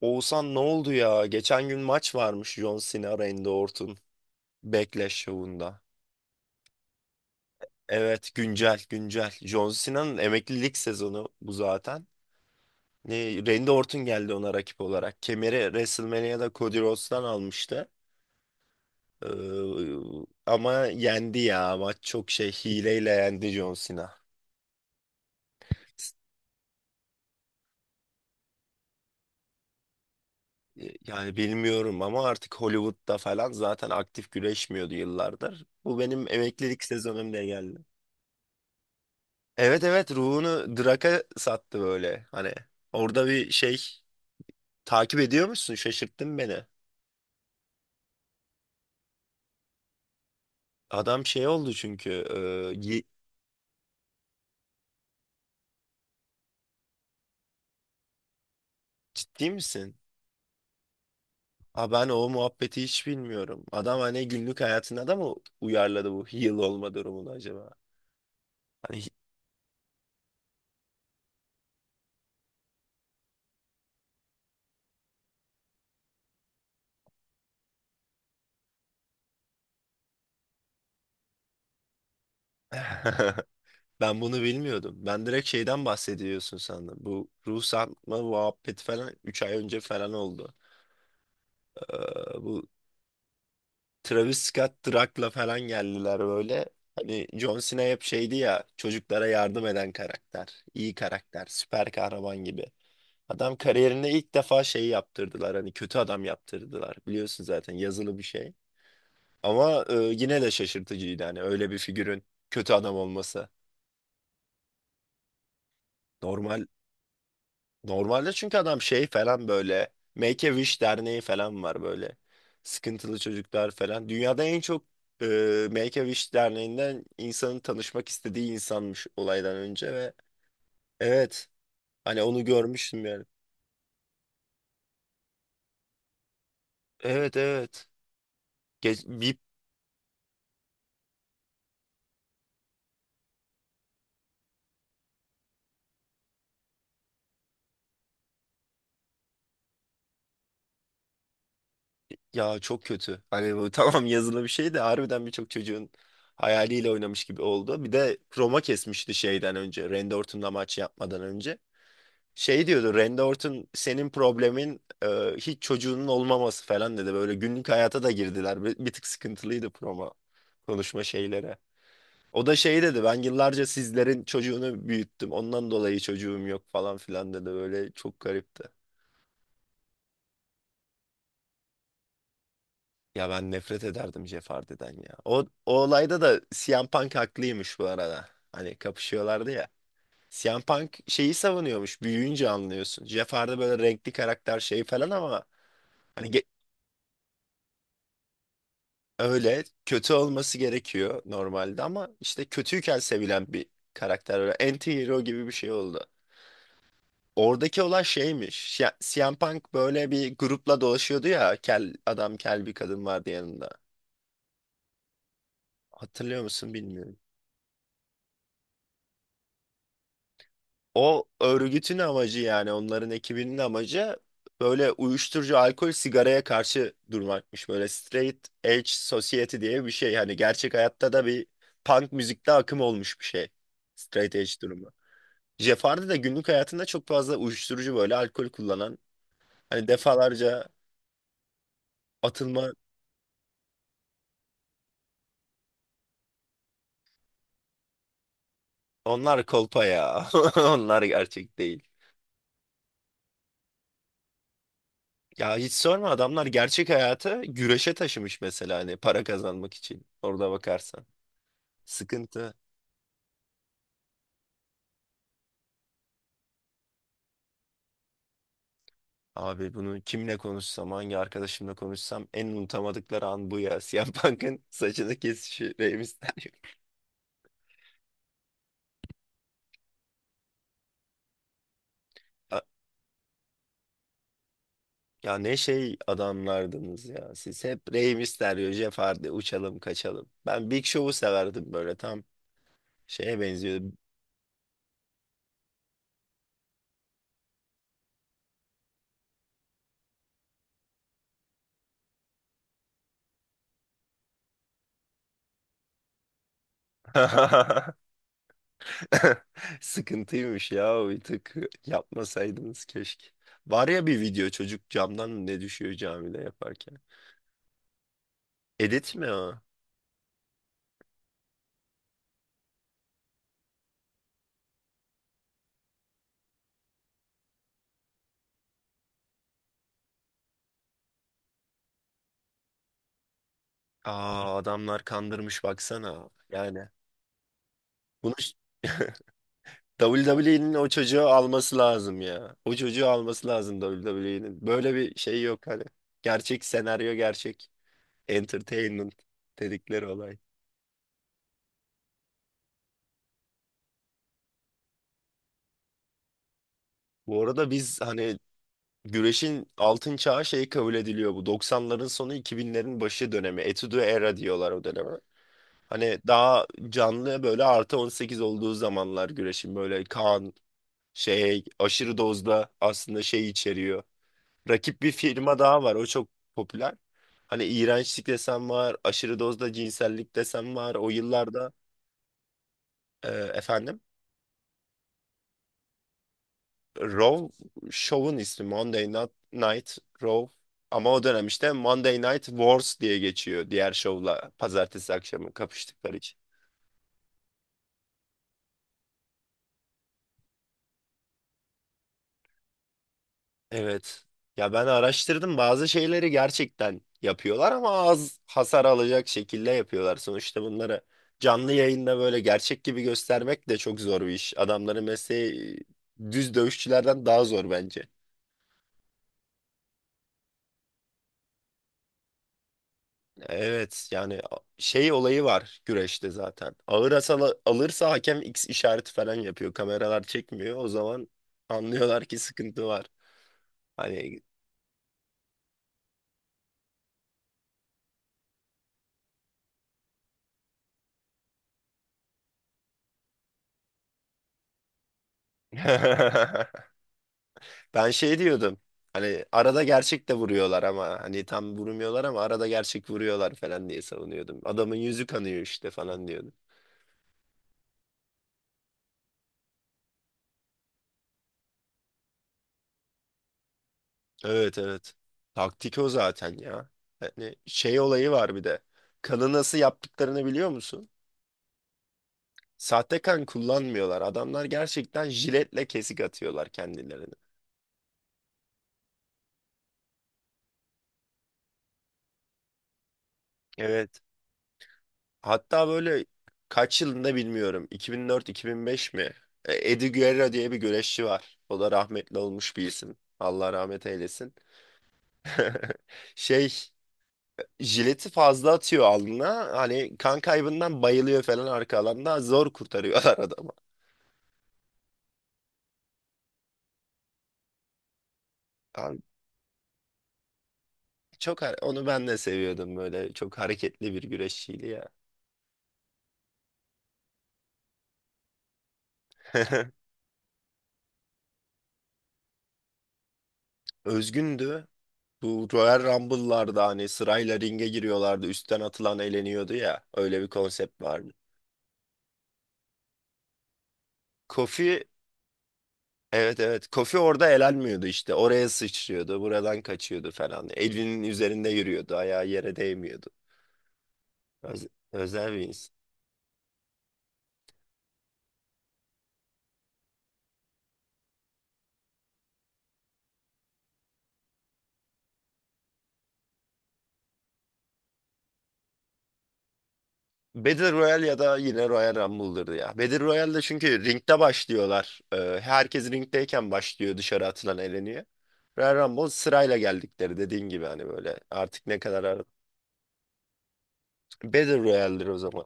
Oğuzhan ne oldu ya? Geçen gün maç varmış John Cena Randy Orton Backlash şovunda. Evet güncel güncel. John Cena'nın emeklilik sezonu bu zaten. Randy Orton geldi ona rakip olarak. Kemeri WrestleMania'da Cody Rhodes'tan almıştı. Ee, ama yendi ya. Maç çok şey hileyle yendi John Cena. Yani bilmiyorum ama artık Hollywood'da falan zaten aktif güreşmiyordu yıllardır. Bu benim emeklilik sezonum diye geldi. Evet evet, ruhunu Drak'a sattı böyle. Hani orada bir şey takip ediyor musun, şaşırttın beni. Adam şey oldu çünkü e, ye- ciddi misin? Ha, ben o muhabbeti hiç bilmiyorum. Adam hani günlük hayatına da mı uyarladı bu heal olma durumunu acaba? Hani ben bunu bilmiyordum. Ben direkt şeyden bahsediyorsun sandım. Bu ruh satma muhabbeti falan 3 ay önce falan oldu. Ee, bu. Travis Scott Drak'la falan geldiler böyle. Hani John Cena hep şeydi ya, çocuklara yardım eden karakter. İyi karakter, süper kahraman gibi. Adam kariyerinde ilk defa şey yaptırdılar, hani kötü adam yaptırdılar. Biliyorsun zaten yazılı bir şey. Ama yine de şaşırtıcıydı hani öyle bir figürün kötü adam olması. Normal Normalde çünkü adam şey falan böyle Make a Wish derneği falan var böyle. Sıkıntılı çocuklar falan. Dünyada en çok e, Make a Wish derneğinden insanın tanışmak istediği insanmış olaydan önce ve evet, hani onu görmüştüm yani. Evet evet. Geç, bip, ya çok kötü. Hani bu tamam, yazılı bir şey de harbiden birçok çocuğun hayaliyle oynamış gibi oldu. Bir de Roma kesmişti şeyden önce. Randy Orton'la maç yapmadan önce. Şey diyordu, Randy Orton senin problemin hiç çocuğunun olmaması falan dedi. Böyle günlük hayata da girdiler. Bir tık sıkıntılıydı promo konuşma şeylere. O da şey dedi, ben yıllarca sizlerin çocuğunu büyüttüm. Ondan dolayı çocuğum yok falan filan dedi. Böyle çok garipti. Ya ben nefret ederdim Jeff Hardy'den ya. O olayda da CM Punk haklıymış bu arada. Hani kapışıyorlardı ya. CM Punk şeyi savunuyormuş. Büyüyünce anlıyorsun. Jeff Hardy böyle renkli karakter şey falan ama Hani ge- öyle kötü olması gerekiyor normalde ama işte kötüyken sevilen bir karakter, öyle anti-hero gibi bir şey oldu. Oradaki olay şeymiş. Ya, CM Punk böyle bir grupla dolaşıyordu ya. Kel adam, kel bir kadın vardı yanında. Hatırlıyor musun bilmiyorum. O örgütün amacı, yani onların ekibinin amacı böyle uyuşturucu, alkol, sigaraya karşı durmakmış. Böyle straight edge society diye bir şey. Hani gerçek hayatta da bir punk müzikte akım olmuş bir şey. Straight edge durumu. Jeff Hardy de günlük hayatında çok fazla uyuşturucu böyle alkol kullanan. Hani defalarca atılma. Onlar kolpa ya. Onlar gerçek değil. Ya hiç sorma, adamlar gerçek hayatı güreşe taşımış mesela, hani para kazanmak için. Orada bakarsan. Sıkıntı. Abi bunu kimle konuşsam, hangi arkadaşımla konuşsam en unutamadıkları an bu ya. Siyah Punk'ın saçını kesişi Rey Mysterio. Ya ne şey adamlardınız ya. Siz hep Rey Mysterio, Jeff Hardy, uçalım kaçalım. Ben Big Show'u severdim, böyle tam şeye benziyordu. Sıkıntıymış ya, bir tık yapmasaydınız keşke. Var ya bir video, çocuk camdan ne düşüyor camide yaparken. Edit mi o? Aa, adamlar kandırmış baksana. Yani bunu WWE'nin o çocuğu alması lazım ya. O çocuğu alması lazım WWE'nin. Böyle bir şey yok hani. Gerçek senaryo, gerçek entertainment dedikleri olay. Bu arada biz hani güreşin altın çağı şey kabul ediliyor bu. 90'ların sonu 2000'lerin başı dönemi. Etudo era diyorlar o döneme. Hani daha canlı, böyle artı 18 olduğu zamanlar, güreşin böyle kan şey aşırı dozda aslında şey içeriyor. Rakip bir firma daha var. O çok popüler. Hani iğrençlik desem var, aşırı dozda cinsellik desem var. O yıllarda efendim Raw Show'un ismi Monday Night, Night Raw. Ama o dönem işte Monday Night Wars diye geçiyor, diğer şovla pazartesi akşamı kapıştıkları için. Evet. Ya ben araştırdım, bazı şeyleri gerçekten yapıyorlar ama az hasar alacak şekilde yapıyorlar. Sonuçta bunları canlı yayında böyle gerçek gibi göstermek de çok zor bir iş. Adamların mesleği düz dövüşçülerden daha zor bence. Evet yani şey olayı var güreşte zaten. Ağır hasar alırsa hakem X işareti falan yapıyor. Kameralar çekmiyor. O zaman anlıyorlar ki sıkıntı var. Hani ben şey diyordum. Hani arada gerçek de vuruyorlar ama hani tam vurmuyorlar ama arada gerçek vuruyorlar falan diye savunuyordum. Adamın yüzü kanıyor işte falan diyordum. Evet evet. Taktik o zaten ya. Hani şey olayı var bir de. Kanı nasıl yaptıklarını biliyor musun? Sahte kan kullanmıyorlar. Adamlar gerçekten jiletle kesik atıyorlar kendilerini. Evet. Hatta böyle kaç yılında bilmiyorum, 2004-2005 mi? Eddie Guerrero diye bir güreşçi var. O da rahmetli olmuş bir isim. Allah rahmet eylesin. Şey jileti fazla atıyor alnına. Hani kan kaybından bayılıyor falan arka alanda. Zor kurtarıyorlar adamı. Abi, onu ben de seviyordum böyle. Çok hareketli bir güreşçiydi ya. Özgündü. Bu Royal Rumble'larda hani sırayla ringe giriyorlardı. Üstten atılan eğleniyordu ya. Öyle bir konsept vardı. Kofi, evet evet, Kofi orada elenmiyordu, işte oraya sıçrıyordu, buradan kaçıyordu falan. Elvin'in üzerinde yürüyordu, ayağı yere değmiyordu. Öz- özel bir insan. Battle Royale ya da yine Royal Rumble'dır ya. Battle Royale'de çünkü ringde başlıyorlar. Herkes ringdeyken başlıyor, dışarı atılan eleniyor. Royal Rumble sırayla geldikleri, dediğin gibi, hani böyle artık ne kadar Battle Royale'dir o zaman.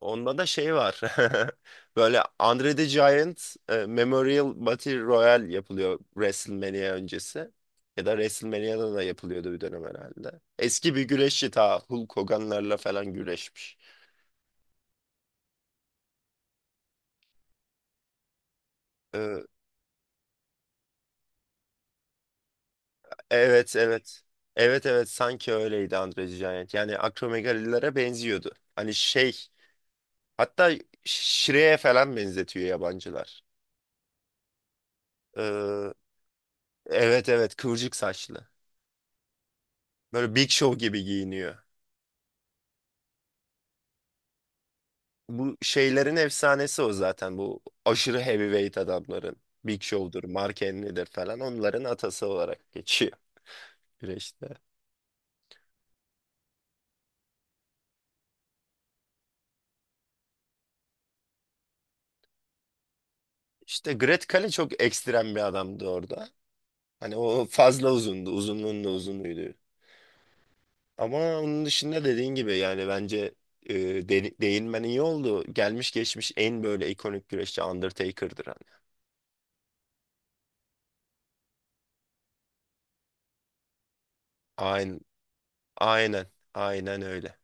Onda da şey var. Böyle Andre the Giant Memorial Battle Royale yapılıyor WrestleMania öncesi. Ya da WrestleMania'da da yapılıyordu bir dönem herhalde. Eski bir güreşçi, ta Hulk Hogan'larla falan güreşmiş. Ee, evet evet. Evet evet, sanki öyleydi Andre the Giant. Yani akromegalilere benziyordu. Hani şey, hatta Shrek'e falan benzetiyor yabancılar. Ee, evet evet, kıvırcık saçlı. Böyle Big Show gibi giyiniyor. Bu şeylerin efsanesi o zaten. Bu aşırı heavyweight adamların. Big Show'dur, Mark Henry'dir falan. Onların atası olarak geçiyor güreşte. İşte Great Khali çok ekstrem bir adamdı orada. Hani o fazla uzundu. Uzunluğun da uzunuydu. Ama onun dışında, dediğin gibi, yani bence e, değinmen iyi oldu. Gelmiş geçmiş en böyle ikonik güreşçi Undertaker'dır. Hani. Aynen, aynen, aynen öyle.